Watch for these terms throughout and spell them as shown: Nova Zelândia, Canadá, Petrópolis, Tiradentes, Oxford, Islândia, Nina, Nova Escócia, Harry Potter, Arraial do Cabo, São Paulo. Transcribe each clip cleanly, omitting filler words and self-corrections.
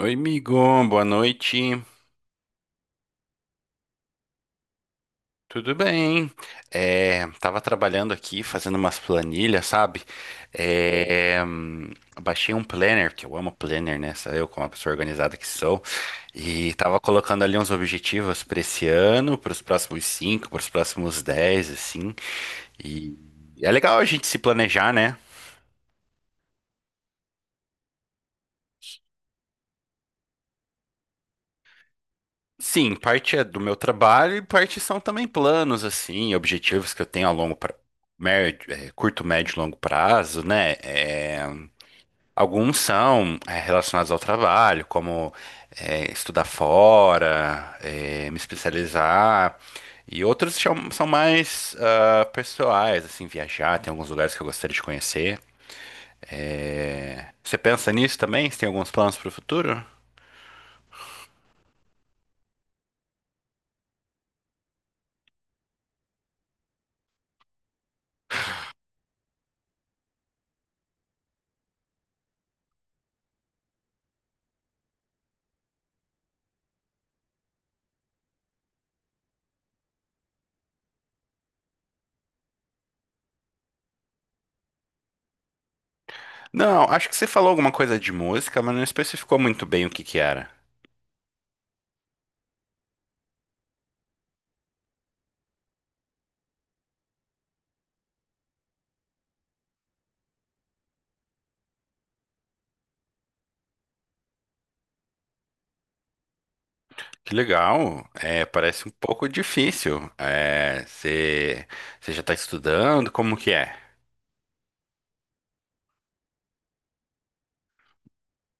Oi, amigo, boa noite. Tudo bem? É, tava trabalhando aqui, fazendo umas planilhas, sabe? É, baixei um planner, que eu amo planner, né? Sabe eu, como uma pessoa organizada que sou. E tava colocando ali uns objetivos para esse ano, para os próximos cinco, para os próximos dez, assim. E é legal a gente se planejar, né? Sim, parte é do meu trabalho e parte são também planos, assim, objetivos que eu tenho médio, curto, médio e longo prazo, né? É, alguns são relacionados ao trabalho, como estudar fora, me especializar, e outros são mais pessoais, assim, viajar, tem alguns lugares que eu gostaria de conhecer. É, você pensa nisso também? Você tem alguns planos para o futuro? Não, acho que você falou alguma coisa de música, mas não especificou muito bem o que que era. Que legal. É, parece um pouco difícil. É, você já está estudando? Como que é?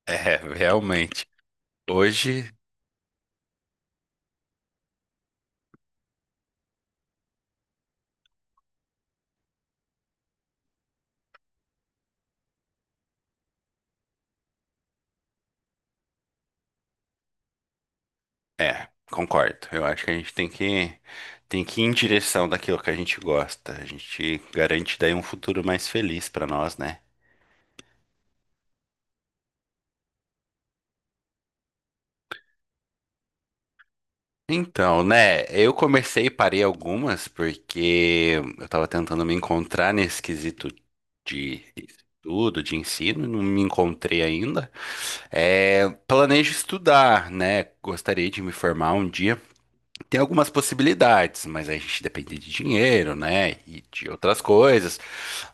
É, realmente. Hoje, concordo. Eu acho que a gente tem que ir em direção daquilo que a gente gosta. A gente garante daí um futuro mais feliz para nós, né? Então, né, eu comecei e parei algumas porque eu tava tentando me encontrar nesse quesito de tudo de ensino, não me encontrei ainda. É, planejo estudar, né? Gostaria de me formar um dia. Tem algumas possibilidades, mas a gente depende de dinheiro, né? E de outras coisas.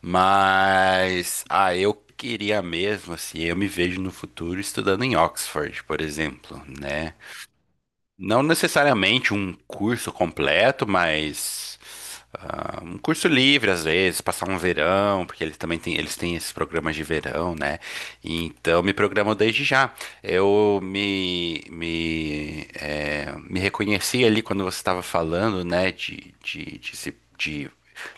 Mas, eu queria mesmo, assim, eu me vejo no futuro estudando em Oxford, por exemplo, né? Não necessariamente um curso completo, mas um curso livre às vezes, passar um verão, porque eles têm esses programas de verão, né? Então me programo desde já. Eu me reconheci ali quando você estava falando, né, de, se- de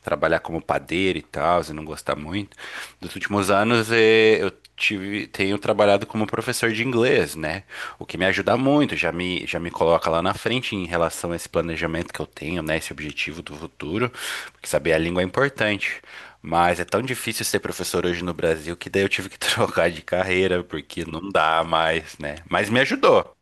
trabalhar como padeiro e tal, e não gostar muito. Nos últimos anos eu tive, tenho trabalhado como professor de inglês, né? O que me ajuda muito, já me coloca lá na frente em relação a esse planejamento que eu tenho, né? Esse objetivo do futuro, porque saber a língua é importante. Mas é tão difícil ser professor hoje no Brasil que daí eu tive que trocar de carreira, porque não dá mais, né? Mas me ajudou.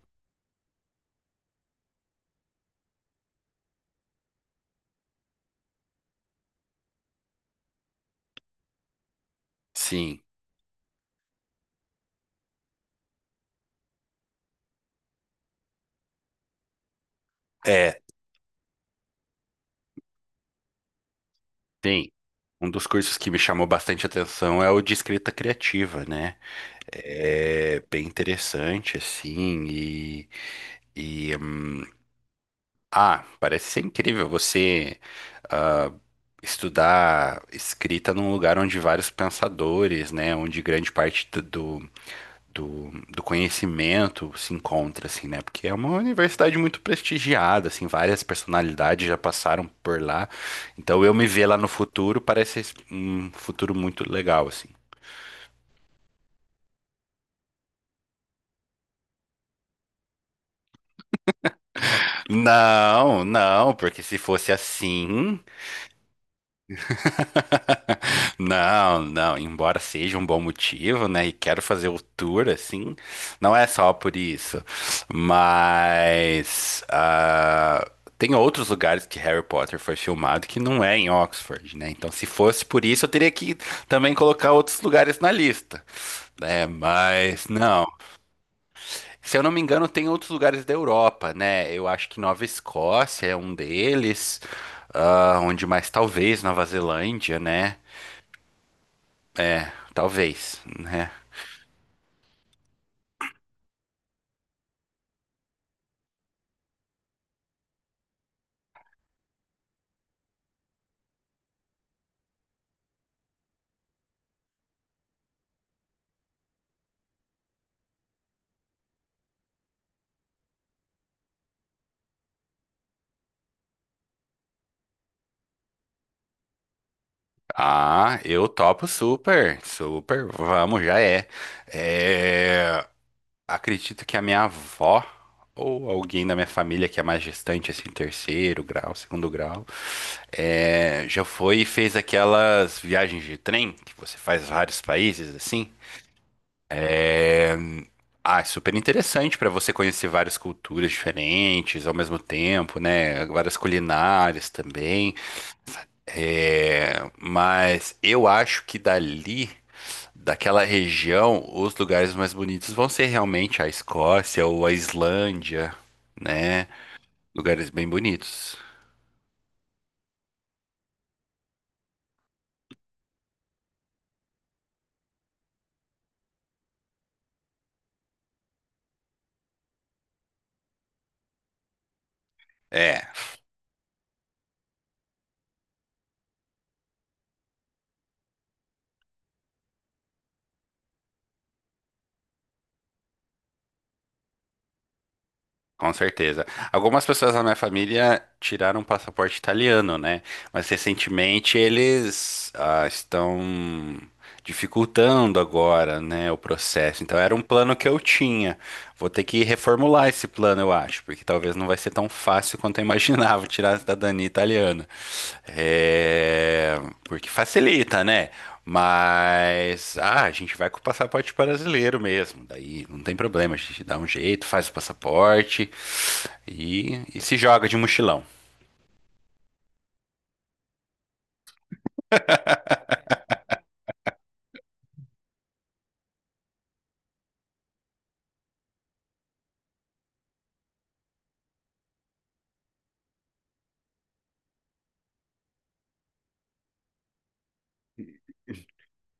Sim, é, sim. Um dos cursos que me chamou bastante atenção é o de escrita criativa, né? É bem interessante, assim, e, hum, ah, parece ser incrível você ah, estudar escrita num lugar onde vários pensadores, né, onde grande parte do conhecimento se encontra, assim, né, porque é uma universidade muito prestigiada, assim, várias personalidades já passaram por lá, então eu me ver lá no futuro parece um futuro muito legal, assim. Não, não, porque se fosse assim, não, não, embora seja um bom motivo, né? E quero fazer o tour assim, não é só por isso, mas tem outros lugares que Harry Potter foi filmado que não é em Oxford, né? Então, se fosse por isso, eu teria que também colocar outros lugares na lista, né? Mas não, se eu não me engano, tem outros lugares da Europa, né? Eu acho que Nova Escócia é um deles, onde mais talvez Nova Zelândia, né? É, talvez, né? Ah, eu topo super, super, vamos, já é. É, acredito que a minha avó ou alguém da minha família que é mais distante, assim, terceiro grau, segundo grau, já foi e fez aquelas viagens de trem que você faz vários países, assim. Ah, é super interessante para você conhecer várias culturas diferentes ao mesmo tempo, né? Várias culinárias também. É, mas eu acho que dali, daquela região, os lugares mais bonitos vão ser realmente a Escócia ou a Islândia, né? Lugares bem bonitos. É. Com certeza. Algumas pessoas da minha família tiraram o passaporte italiano, né? Mas recentemente eles estão dificultando agora, né, o processo. Então era um plano que eu tinha. Vou ter que reformular esse plano, eu acho, porque talvez não vai ser tão fácil quanto eu imaginava tirar a cidadania italiana. É, porque facilita, né? Mas a gente vai com o passaporte brasileiro mesmo. Daí não tem problema, a gente dá um jeito, faz o passaporte e se joga de mochilão.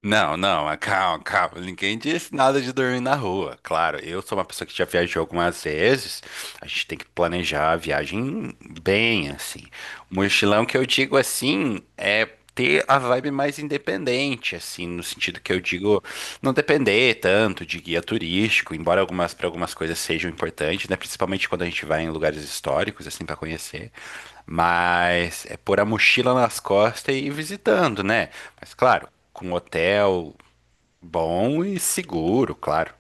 Não, não, calma, calma. Ninguém disse nada de dormir na rua. Claro, eu sou uma pessoa que já viajou algumas vezes. A gente tem que planejar a viagem bem, assim. Mochilão que eu digo assim é ter a vibe mais independente, assim, no sentido que eu digo não depender tanto de guia turístico, embora algumas para algumas coisas sejam importantes, né? Principalmente quando a gente vai em lugares históricos, assim, para conhecer. Mas é pôr a mochila nas costas e ir visitando, né? Mas claro, com hotel bom e seguro, claro.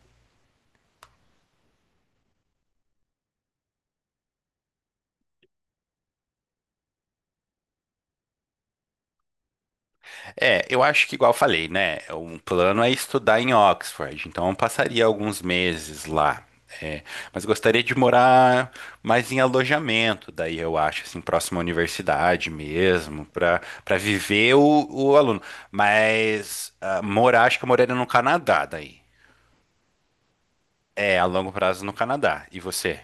É, eu acho que igual eu falei, né? Um plano é estudar em Oxford, então eu passaria alguns meses lá. É, mas gostaria de morar mais em alojamento, daí eu acho, assim, próximo à universidade mesmo, para viver o aluno. Mas morar, acho que eu moraria no Canadá daí. É, a longo prazo no Canadá. E você?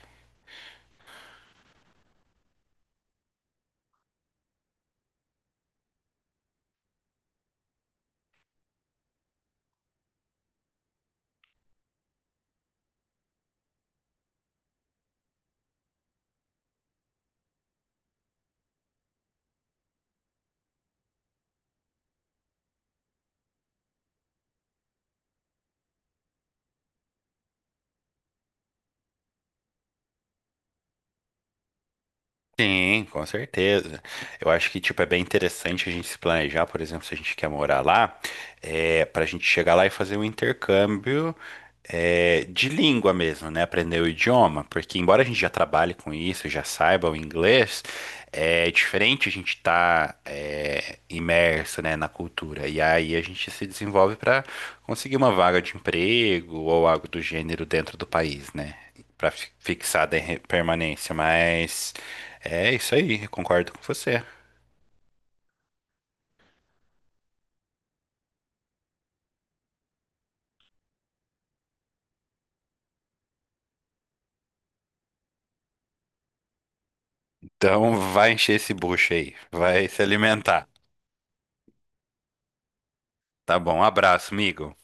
Sim, com certeza. Eu acho que, tipo, é bem interessante a gente se planejar, por exemplo, se a gente quer morar lá, para a gente chegar lá e fazer um intercâmbio, de língua mesmo, né? Aprender o idioma, porque embora a gente já trabalhe com isso, já saiba o inglês, é diferente a gente estar imerso, né, na cultura. E aí a gente se desenvolve para conseguir uma vaga de emprego ou algo do gênero dentro do país, né? Para fixar a permanência, mas... É isso aí, eu concordo com você. Então vai encher esse bucho aí, vai se alimentar. Tá bom, um abraço, amigo.